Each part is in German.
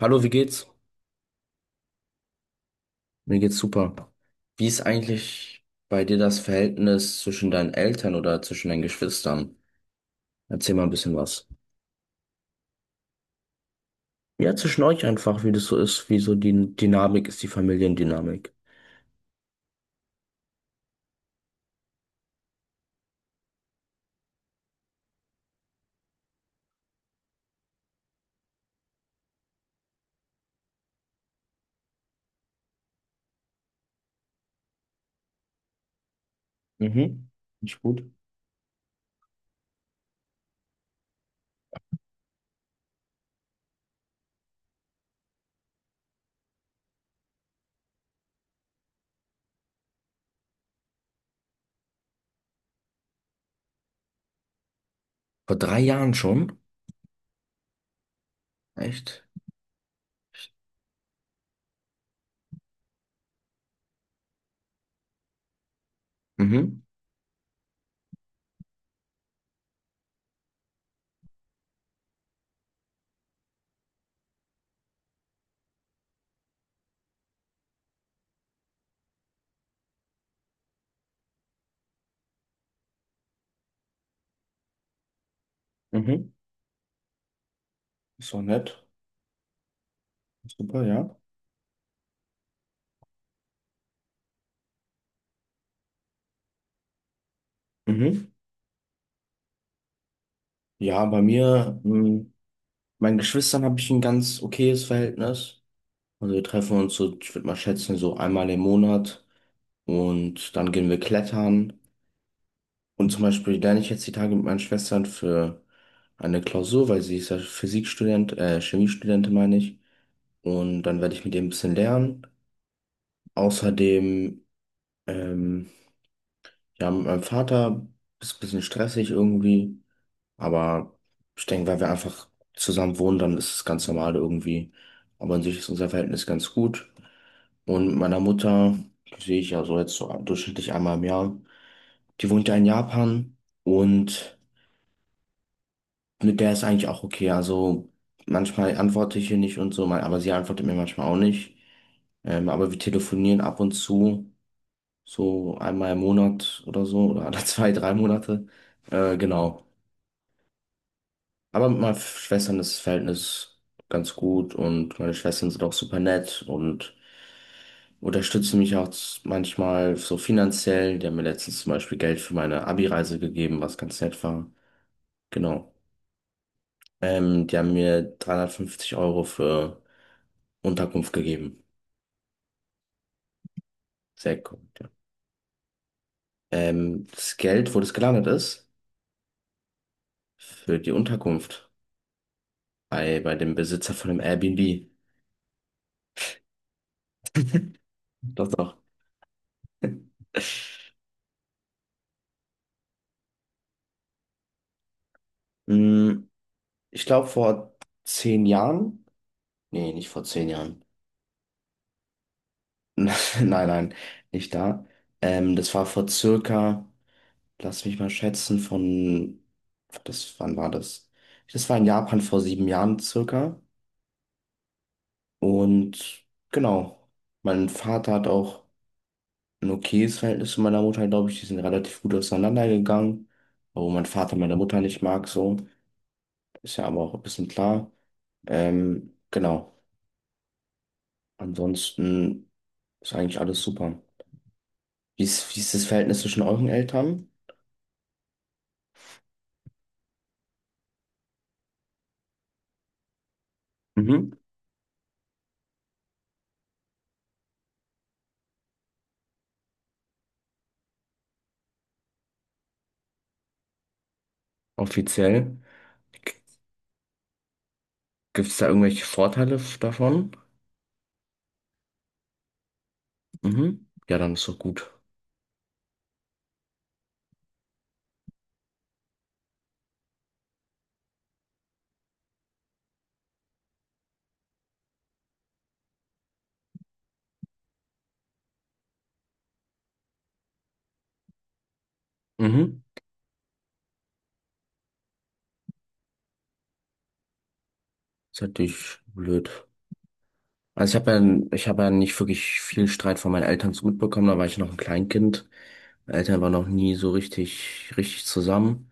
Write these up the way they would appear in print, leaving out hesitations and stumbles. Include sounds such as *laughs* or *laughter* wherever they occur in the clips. Hallo, wie geht's? Mir geht's super. Wie ist eigentlich bei dir das Verhältnis zwischen deinen Eltern oder zwischen deinen Geschwistern? Erzähl mal ein bisschen was. Ja, zwischen euch einfach, wie das so ist, wie so die Dynamik ist, die Familiendynamik. Mhm. Nicht gut. Vor 3 Jahren schon? Echt? Mhm. Mhm. Ist doch nett. Super, ja. Mhm. Ja, bei mir, meinen Geschwistern habe ich ein ganz okayes Verhältnis. Also wir treffen uns so, ich würde mal schätzen, so einmal im Monat. Und dann gehen wir klettern. Und zum Beispiel lerne ich jetzt die Tage mit meinen Schwestern für eine Klausur, weil sie ist ja Physikstudent, Chemiestudentin meine ich. Und dann werde ich mit ihr ein bisschen lernen. Außerdem, ähm, ja, mit meinem Vater ist ein bisschen stressig irgendwie. Aber ich denke, weil wir einfach zusammen wohnen, dann ist es ganz normal irgendwie. Aber an sich ist unser Verhältnis ganz gut. Und mit meiner Mutter sehe ich ja so jetzt so durchschnittlich einmal im Jahr. Die wohnt ja in Japan und mit der ist eigentlich auch okay. Also manchmal antworte ich ihr nicht und so, aber sie antwortet mir manchmal auch nicht. Aber wir telefonieren ab und zu, so einmal im Monat oder so, oder alle *laughs* zwei, drei Monate. Genau. Aber mit meinen Schwestern ist das Verhältnis ganz gut und meine Schwestern sind auch super nett und unterstützen mich auch manchmal so finanziell. Die haben mir letztens zum Beispiel Geld für meine Abi-Reise gegeben, was ganz nett war. Genau. Die haben mir 350€ für Unterkunft gegeben. Sehr gut, ja. Das Geld, wo das gelandet ist, für die Unterkunft bei dem Besitzer von dem Airbnb. Das doch. *laughs* Hm, ich glaube, vor 10 Jahren. Nee, nicht vor 10 Jahren. *laughs* Nein, nein, nicht da. Das war vor circa, lass mich mal schätzen, das, wann war das? Das war in Japan vor 7 Jahren circa. Und genau, mein Vater hat auch ein okayes Verhältnis zu meiner Mutter, glaube ich. Die sind relativ gut auseinandergegangen, obwohl mein Vater meine Mutter nicht mag, so. Ist ja aber auch ein bisschen klar. Genau, ansonsten ist eigentlich alles super. Wie ist das Verhältnis zwischen euren Eltern? Mhm. Offiziell. Gibt es da irgendwelche Vorteile davon? Mhm. Ja, dann ist doch gut. Mhm. Ist natürlich blöd. Also ich habe ja nicht wirklich viel Streit von meinen Eltern so mitbekommen, da war ich noch ein Kleinkind. Meine Eltern waren noch nie so richtig, richtig zusammen.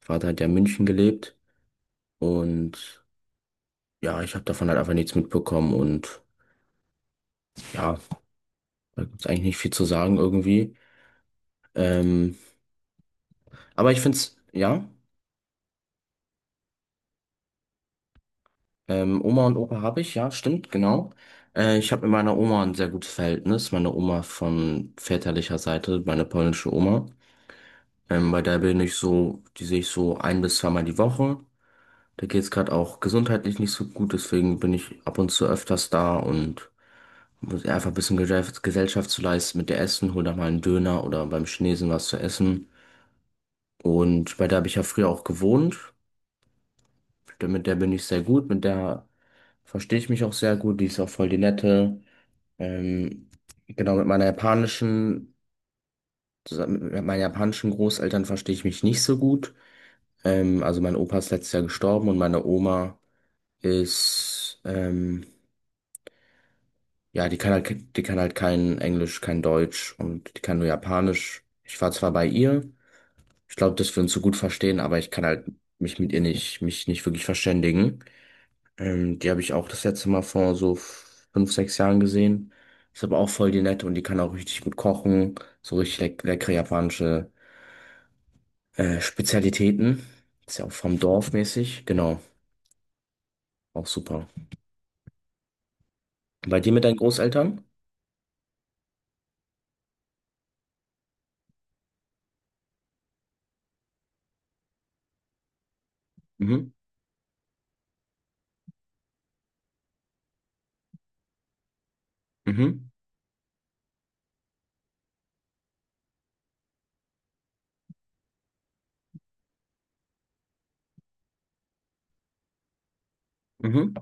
Vater hat ja in München gelebt und ja, ich habe davon halt einfach nichts mitbekommen und ja, da gibt's eigentlich nicht viel zu sagen irgendwie. Ähm, aber ich find's, ja, Oma und Opa habe ich, ja, stimmt, genau. Ich habe mit meiner Oma ein sehr gutes Verhältnis, meine Oma von väterlicher Seite, meine polnische Oma. Bei der bin ich so, die sehe ich so ein bis zweimal die Woche. Da geht's gerade auch gesundheitlich nicht so gut, deswegen bin ich ab und zu öfters da und muss einfach ein bisschen Gesellschaft zu leisten mit der Essen, hol da mal einen Döner oder beim Chinesen was zu essen. Und bei der habe ich ja früher auch gewohnt. Mit der bin ich sehr gut, mit der verstehe ich mich auch sehr gut, die ist auch voll die nette. Ähm, genau, zusammen mit meinen japanischen Großeltern verstehe ich mich nicht so gut. Also mein Opa ist letztes Jahr gestorben und meine Oma ist, ja, die kann halt kein Englisch, kein Deutsch und die kann nur Japanisch. Ich war zwar bei ihr, ich glaube, dass wir uns so gut verstehen, aber ich kann halt mich nicht wirklich verständigen. Die habe ich auch das letzte Mal vor so 5, 6 Jahren gesehen. Ist aber auch voll die nette und die kann auch richtig gut kochen, so richtig leckere japanische Spezialitäten. Ist ja auch vom Dorf mäßig, genau, auch super. Bei dir mit deinen Großeltern? Mhm. Mhm. Mhm.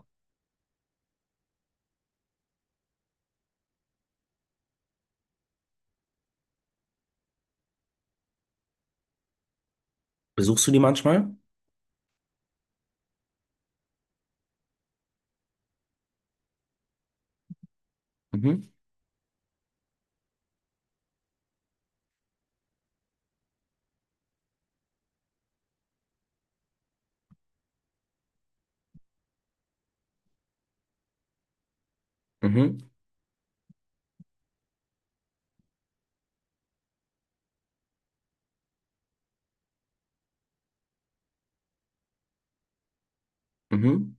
Besuchst du die manchmal? Mhm. Mhm. Mhm.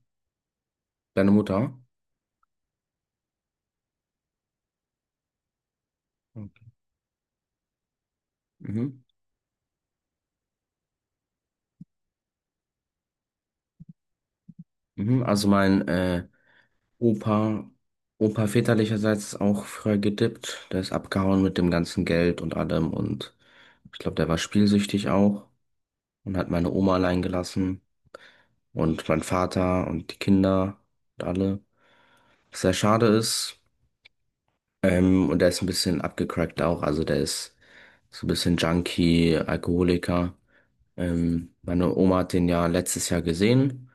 Deine Mutter? Okay. Mhm. Mhm. Also mein Opa, Opa väterlicherseits ist auch früher gedippt. Der ist abgehauen mit dem ganzen Geld und allem und ich glaube, der war spielsüchtig auch und hat meine Oma allein gelassen und mein Vater und die Kinder und alle. Was sehr schade ist. Und der ist ein bisschen abgecrackt auch. Also der ist so ein bisschen Junkie, Alkoholiker. Meine Oma hat den ja letztes Jahr gesehen,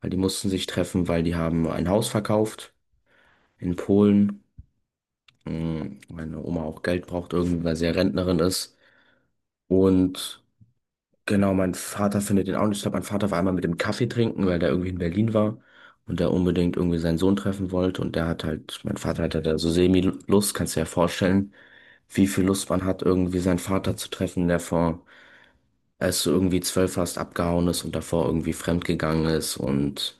weil die mussten sich treffen, weil die haben ein Haus verkauft in Polen. Meine Oma auch Geld braucht, irgendwie, weil sie ja Rentnerin ist. Und genau, mein Vater findet den auch nicht. Ich glaube, mein Vater war einmal mit dem Kaffee trinken, weil der irgendwie in Berlin war und der unbedingt irgendwie seinen Sohn treffen wollte. Und der hat halt, mein Vater hatte da so Semi-Lust, kannst du dir ja vorstellen, wie viel Lust man hat, irgendwie seinen Vater zu treffen, der vor als du irgendwie 12 warst, abgehauen ist und davor irgendwie fremdgegangen ist und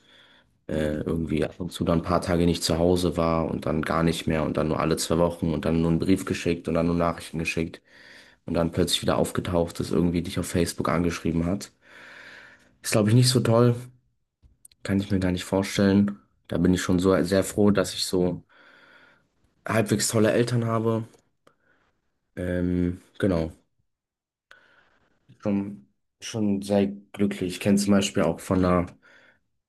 irgendwie ab und zu dann ein paar Tage nicht zu Hause war und dann gar nicht mehr und dann nur alle 2 Wochen und dann nur einen Brief geschickt und dann nur Nachrichten geschickt und dann plötzlich wieder aufgetaucht ist, irgendwie dich auf Facebook angeschrieben hat. Ist, glaube ich, nicht so toll. Kann ich mir gar nicht vorstellen. Da bin ich schon so sehr froh, dass ich so halbwegs tolle Eltern habe. Genau. Schon, schon sehr glücklich. Ich kenne zum Beispiel auch von einer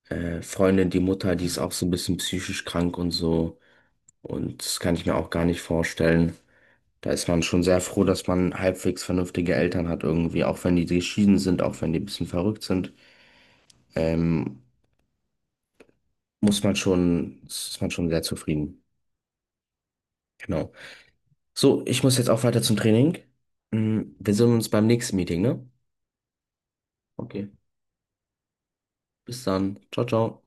Freundin, die Mutter, die ist auch so ein bisschen psychisch krank und so. Und das kann ich mir auch gar nicht vorstellen. Da ist man schon sehr froh, dass man halbwegs vernünftige Eltern hat irgendwie, auch wenn die geschieden sind, auch wenn die ein bisschen verrückt sind. Ähm, ist man schon sehr zufrieden. Genau. So, ich muss jetzt auch weiter zum Training. Wir sehen uns beim nächsten Meeting, ne? Okay. Bis dann. Ciao, ciao.